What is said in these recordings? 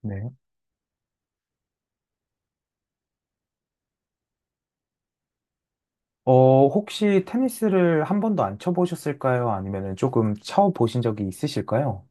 네. 혹시 테니스를 한 번도 안 쳐보셨을까요? 아니면은 조금 쳐보신 적이 있으실까요?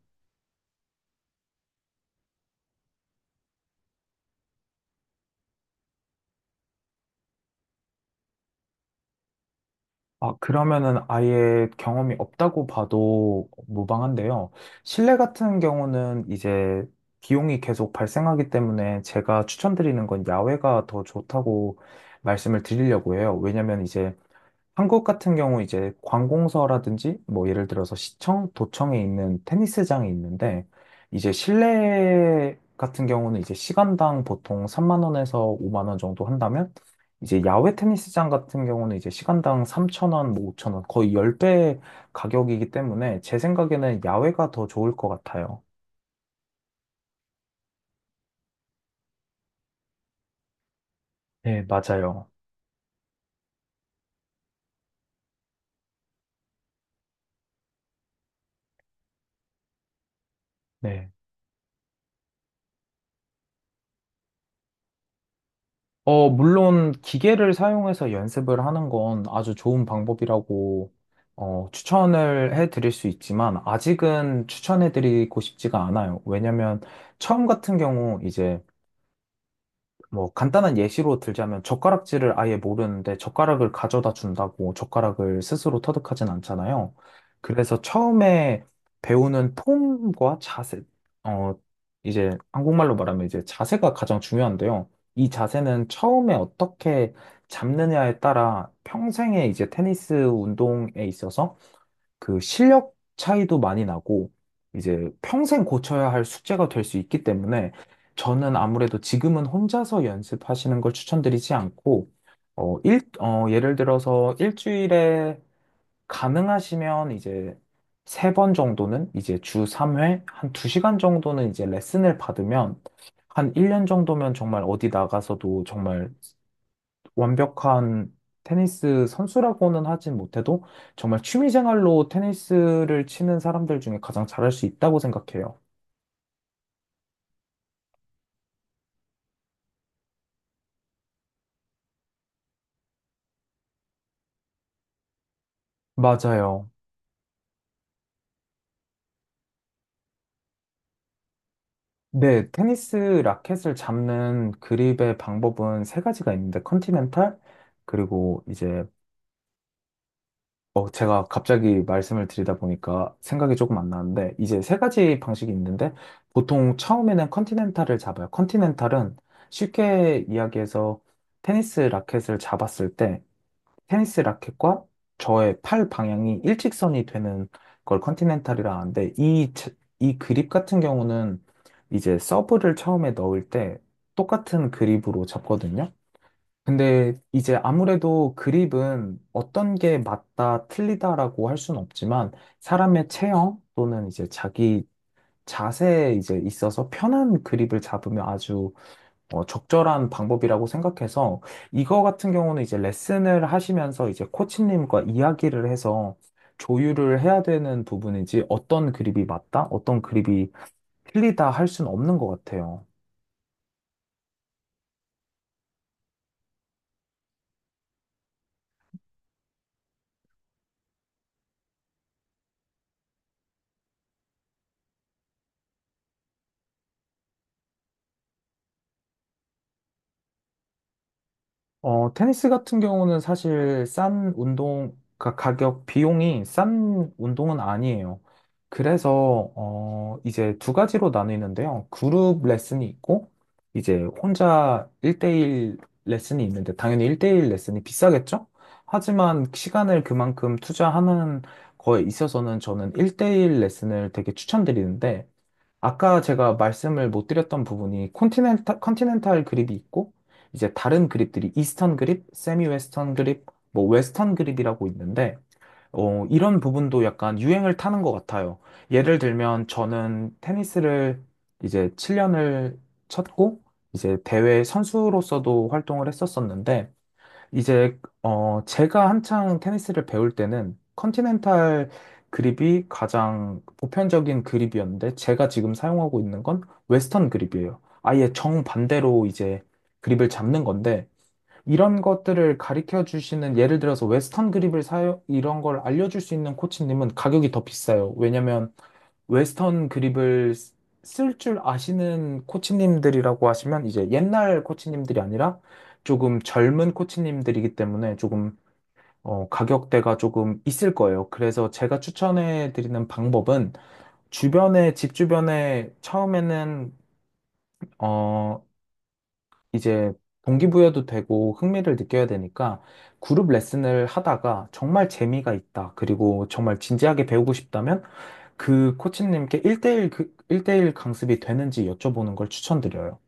아, 그러면은 아예 경험이 없다고 봐도 무방한데요. 실내 같은 경우는 이제 비용이 계속 발생하기 때문에 제가 추천드리는 건 야외가 더 좋다고 말씀을 드리려고 해요. 왜냐면 이제 한국 같은 경우 이제 관공서라든지 뭐 예를 들어서 시청, 도청에 있는 테니스장이 있는데 이제 실내 같은 경우는 이제 시간당 보통 3만 원에서 5만 원 정도 한다면 이제 야외 테니스장 같은 경우는 이제 시간당 3천 원, 뭐 5천 원 거의 10배 가격이기 때문에 제 생각에는 야외가 더 좋을 것 같아요. 네, 맞아요. 물론 기계를 사용해서 연습을 하는 건 아주 좋은 방법이라고 추천을 해드릴 수 있지만 아직은 추천해드리고 싶지가 않아요. 왜냐면 처음 같은 경우 이제 뭐 간단한 예시로 들자면 젓가락질을 아예 모르는데 젓가락을 가져다 준다고 젓가락을 스스로 터득하진 않잖아요. 그래서 처음에 배우는 폼과 자세, 어, 이제 한국말로 말하면 이제 자세가 가장 중요한데요. 이 자세는 처음에 어떻게 잡느냐에 따라 평생의 이제 테니스 운동에 있어서 그 실력 차이도 많이 나고 이제 평생 고쳐야 할 숙제가 될 수 있기 때문에 저는 아무래도 지금은 혼자서 연습하시는 걸 추천드리지 않고 예를 들어서 일주일에 가능하시면 이제 3번 정도는 이제 주 3회 한 2시간 정도는 이제 레슨을 받으면 한 1년 정도면 정말 어디 나가서도 정말 완벽한 테니스 선수라고는 하진 못해도 정말 취미생활로 테니스를 치는 사람들 중에 가장 잘할 수 있다고 생각해요. 맞아요. 네, 테니스 라켓을 잡는 그립의 방법은 세 가지가 있는데, 컨티넨탈, 그리고 이제, 제가 갑자기 말씀을 드리다 보니까 생각이 조금 안 나는데, 이제 세 가지 방식이 있는데, 보통 처음에는 컨티넨탈을 잡아요. 컨티넨탈은 쉽게 이야기해서 테니스 라켓을 잡았을 때, 테니스 라켓과 저의 팔 방향이 일직선이 되는 걸 컨티넨탈이라 하는데 이 그립 같은 경우는 이제 서브를 처음에 넣을 때 똑같은 그립으로 잡거든요. 근데 이제 아무래도 그립은 어떤 게 맞다, 틀리다라고 할 수는 없지만 사람의 체형 또는 이제 자기 자세에 이제 있어서 편한 그립을 잡으면 아주 적절한 방법이라고 생각해서 이거 같은 경우는 이제 레슨을 하시면서 이제 코치님과 이야기를 해서 조율을 해야 되는 부분이지 어떤 그립이 맞다, 어떤 그립이 틀리다 할 수는 없는 것 같아요. 테니스 같은 경우는 사실 싼 운동, 가격, 비용이 싼 운동은 아니에요. 그래서, 이제 두 가지로 나뉘는데요. 그룹 레슨이 있고, 이제 혼자 1대1 레슨이 있는데, 당연히 1대1 레슨이 비싸겠죠? 하지만 시간을 그만큼 투자하는 거에 있어서는 저는 1대1 레슨을 되게 추천드리는데, 아까 제가 말씀을 못 드렸던 부분이 컨티넨탈 그립이 있고 이제 다른 그립들이 이스턴 그립, 세미 웨스턴 그립, 뭐 웨스턴 그립이라고 있는데 이런 부분도 약간 유행을 타는 것 같아요. 예를 들면 저는 테니스를 이제 7년을 쳤고 이제 대회 선수로서도 활동을 했었었는데 이제 제가 한창 테니스를 배울 때는 컨티넨탈 그립이 가장 보편적인 그립이었는데 제가 지금 사용하고 있는 건 웨스턴 그립이에요. 아예 정반대로 이제 그립을 잡는 건데 이런 것들을 가르쳐 주시는 예를 들어서 웨스턴 그립을 사용 이런 걸 알려줄 수 있는 코치님은 가격이 더 비싸요. 왜냐면 웨스턴 그립을 쓸 줄 아시는 코치님들이라고 하시면 이제 옛날 코치님들이 아니라 조금 젊은 코치님들이기 때문에 조금 가격대가 조금 있을 거예요. 그래서 제가 추천해 드리는 방법은 주변에, 집 주변에 처음에는 어, 이제 동기부여도 되고 흥미를 느껴야 되니까 그룹 레슨을 하다가 정말 재미가 있다. 그리고 정말 진지하게 배우고 싶다면 그 코치님께 1대1, 그, 일대일 강습이 되는지 여쭤보는 걸 추천드려요.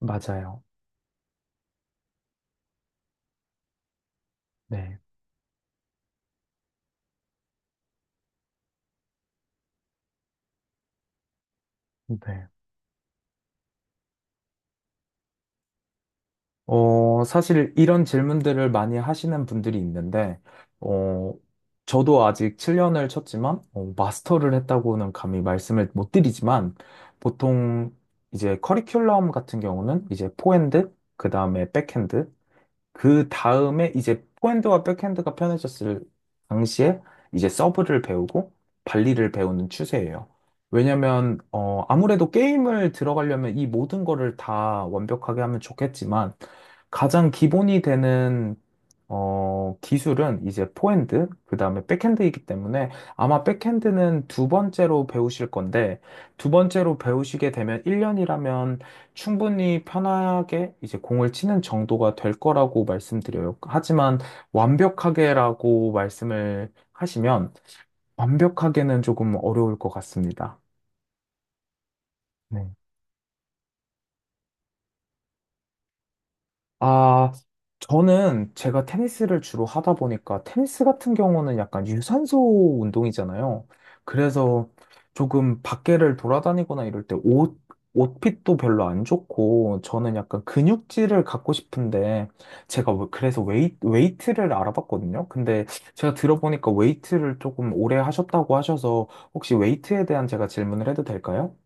맞아요. 네. 네. 사실 이런 질문들을 많이 하시는 분들이 있는데, 어, 저도 아직 7년을 쳤지만, 마스터를 했다고는 감히 말씀을 못 드리지만, 보통 이제 커리큘럼 같은 경우는 이제 포핸드, 그 다음에 백핸드, 그 다음에 이제 포핸드와 백핸드가 편해졌을 당시에 이제 서브를 배우고 발리를 배우는 추세예요. 왜냐면 아무래도 게임을 들어가려면 이 모든 거를 다 완벽하게 하면 좋겠지만 가장 기본이 되는 기술은 이제 포핸드, 그다음에 백핸드이기 때문에 아마 백핸드는 두 번째로 배우실 건데 두 번째로 배우시게 되면 1년이라면 충분히 편하게 이제 공을 치는 정도가 될 거라고 말씀드려요. 하지만 완벽하게라고 말씀을 하시면 완벽하게는 조금 어려울 것 같습니다. 아, 저는 제가 테니스를 주로 하다 보니까 테니스 같은 경우는 약간 유산소 운동이잖아요. 그래서 조금 밖에를 돌아다니거나 이럴 때 옷핏도 별로 안 좋고 저는 약간 근육질을 갖고 싶은데 제가 그래서 웨이트를 알아봤거든요. 근데 제가 들어보니까 웨이트를 조금 오래 하셨다고 하셔서 혹시 웨이트에 대한 제가 질문을 해도 될까요?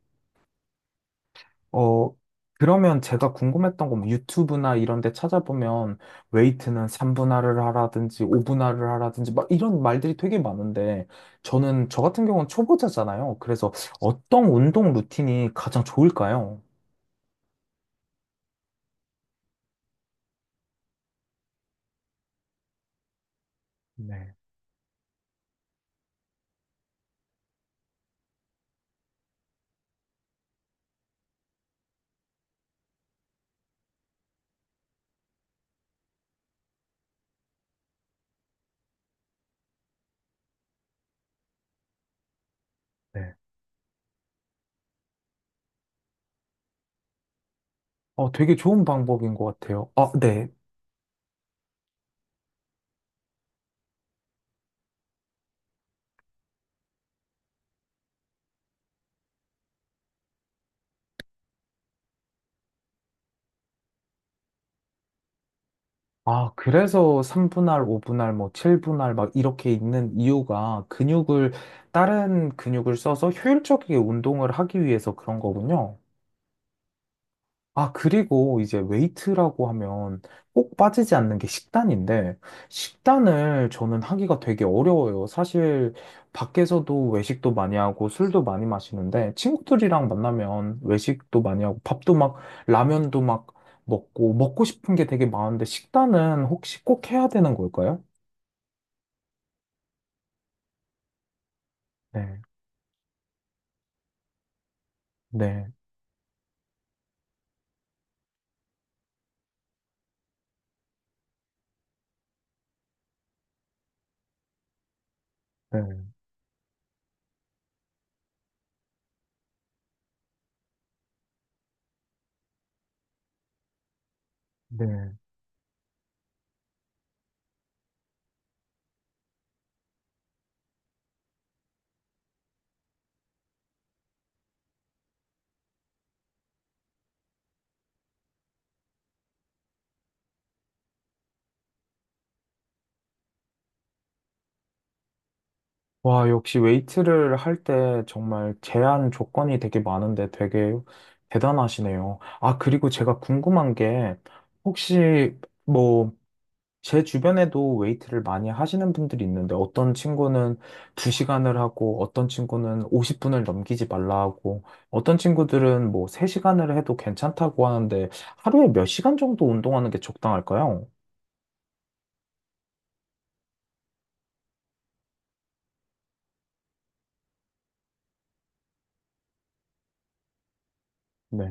어, 그러면 제가 궁금했던 건뭐 유튜브나 이런 데 찾아보면 웨이트는 3분할을 하라든지 5분할을 하라든지 막 이런 말들이 되게 많은데 저는 저 같은 경우는 초보자잖아요. 그래서 어떤 운동 루틴이 가장 좋을까요? 네, 네. 되게 좋은 방법인 것 같아요. 아, 네. 아, 그래서 3분할, 5분할, 뭐 7분할 막 이렇게 있는 이유가 다른 근육을 써서 효율적이게 운동을 하기 위해서 그런 거군요. 아, 그리고 이제 웨이트라고 하면 꼭 빠지지 않는 게 식단인데, 식단을 저는 하기가 되게 어려워요. 사실 밖에서도 외식도 많이 하고 술도 많이 마시는데, 친구들이랑 만나면 외식도 많이 하고 밥도 막 라면도 막 먹고, 먹고 싶은 게 되게 많은데, 식단은 혹시 꼭 해야 되는 걸까요? 네, 네, 네, 네. 와, 역시 웨이트를 할 때 정말 제한 조건이 되게 많은데 되게 대단하시네요. 아, 그리고 제가 궁금한 게 혹시 뭐 제 주변에도 웨이트를 많이 하시는 분들이 있는데 어떤 친구는 2시간을 하고 어떤 친구는 50분을 넘기지 말라 하고 어떤 친구들은 뭐 3시간을 해도 괜찮다고 하는데 하루에 몇 시간 정도 운동하는 게 적당할까요? 네.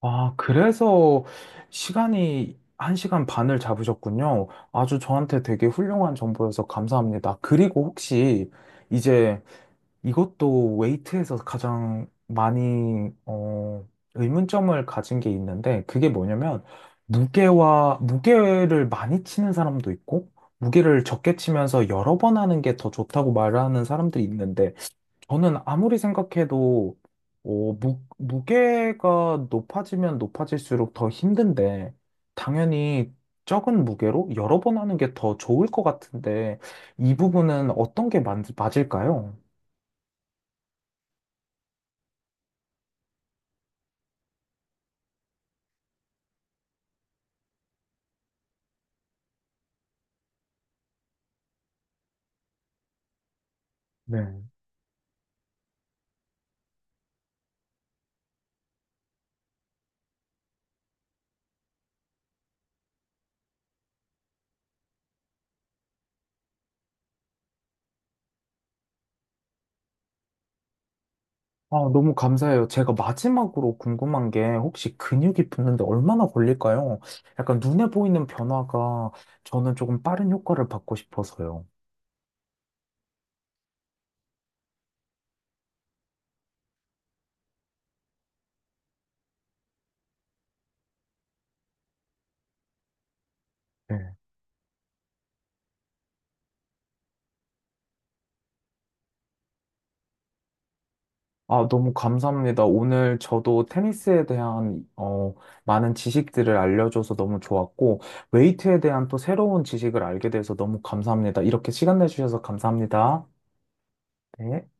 아, 그래서 시간이 1시간 반을 잡으셨군요. 아주 저한테 되게 훌륭한 정보여서 감사합니다. 그리고 혹시 이제 이것도 웨이트에서 가장 많이, 의문점을 가진 게 있는데 그게 뭐냐면 무게를 많이 치는 사람도 있고 무게를 적게 치면서 여러 번 하는 게 더 좋다고 말하는 사람들이 있는데 저는 아무리 생각해도 무게가 높아지면 높아질수록 더 힘든데, 당연히 적은 무게로 여러 번 하는 게 더 좋을 것 같은데, 이 부분은 어떤 게 맞을까요? 네. 아, 너무 감사해요. 제가 마지막으로 궁금한 게 혹시 근육이 붙는데 얼마나 걸릴까요? 약간 눈에 보이는 변화가 저는 조금 빠른 효과를 받고 싶어서요. 네. 아, 너무 감사합니다. 오늘 저도 테니스에 대한 많은 지식들을 알려줘서 너무 좋았고, 웨이트에 대한 또 새로운 지식을 알게 돼서 너무 감사합니다. 이렇게 시간 내주셔서 감사합니다. 네.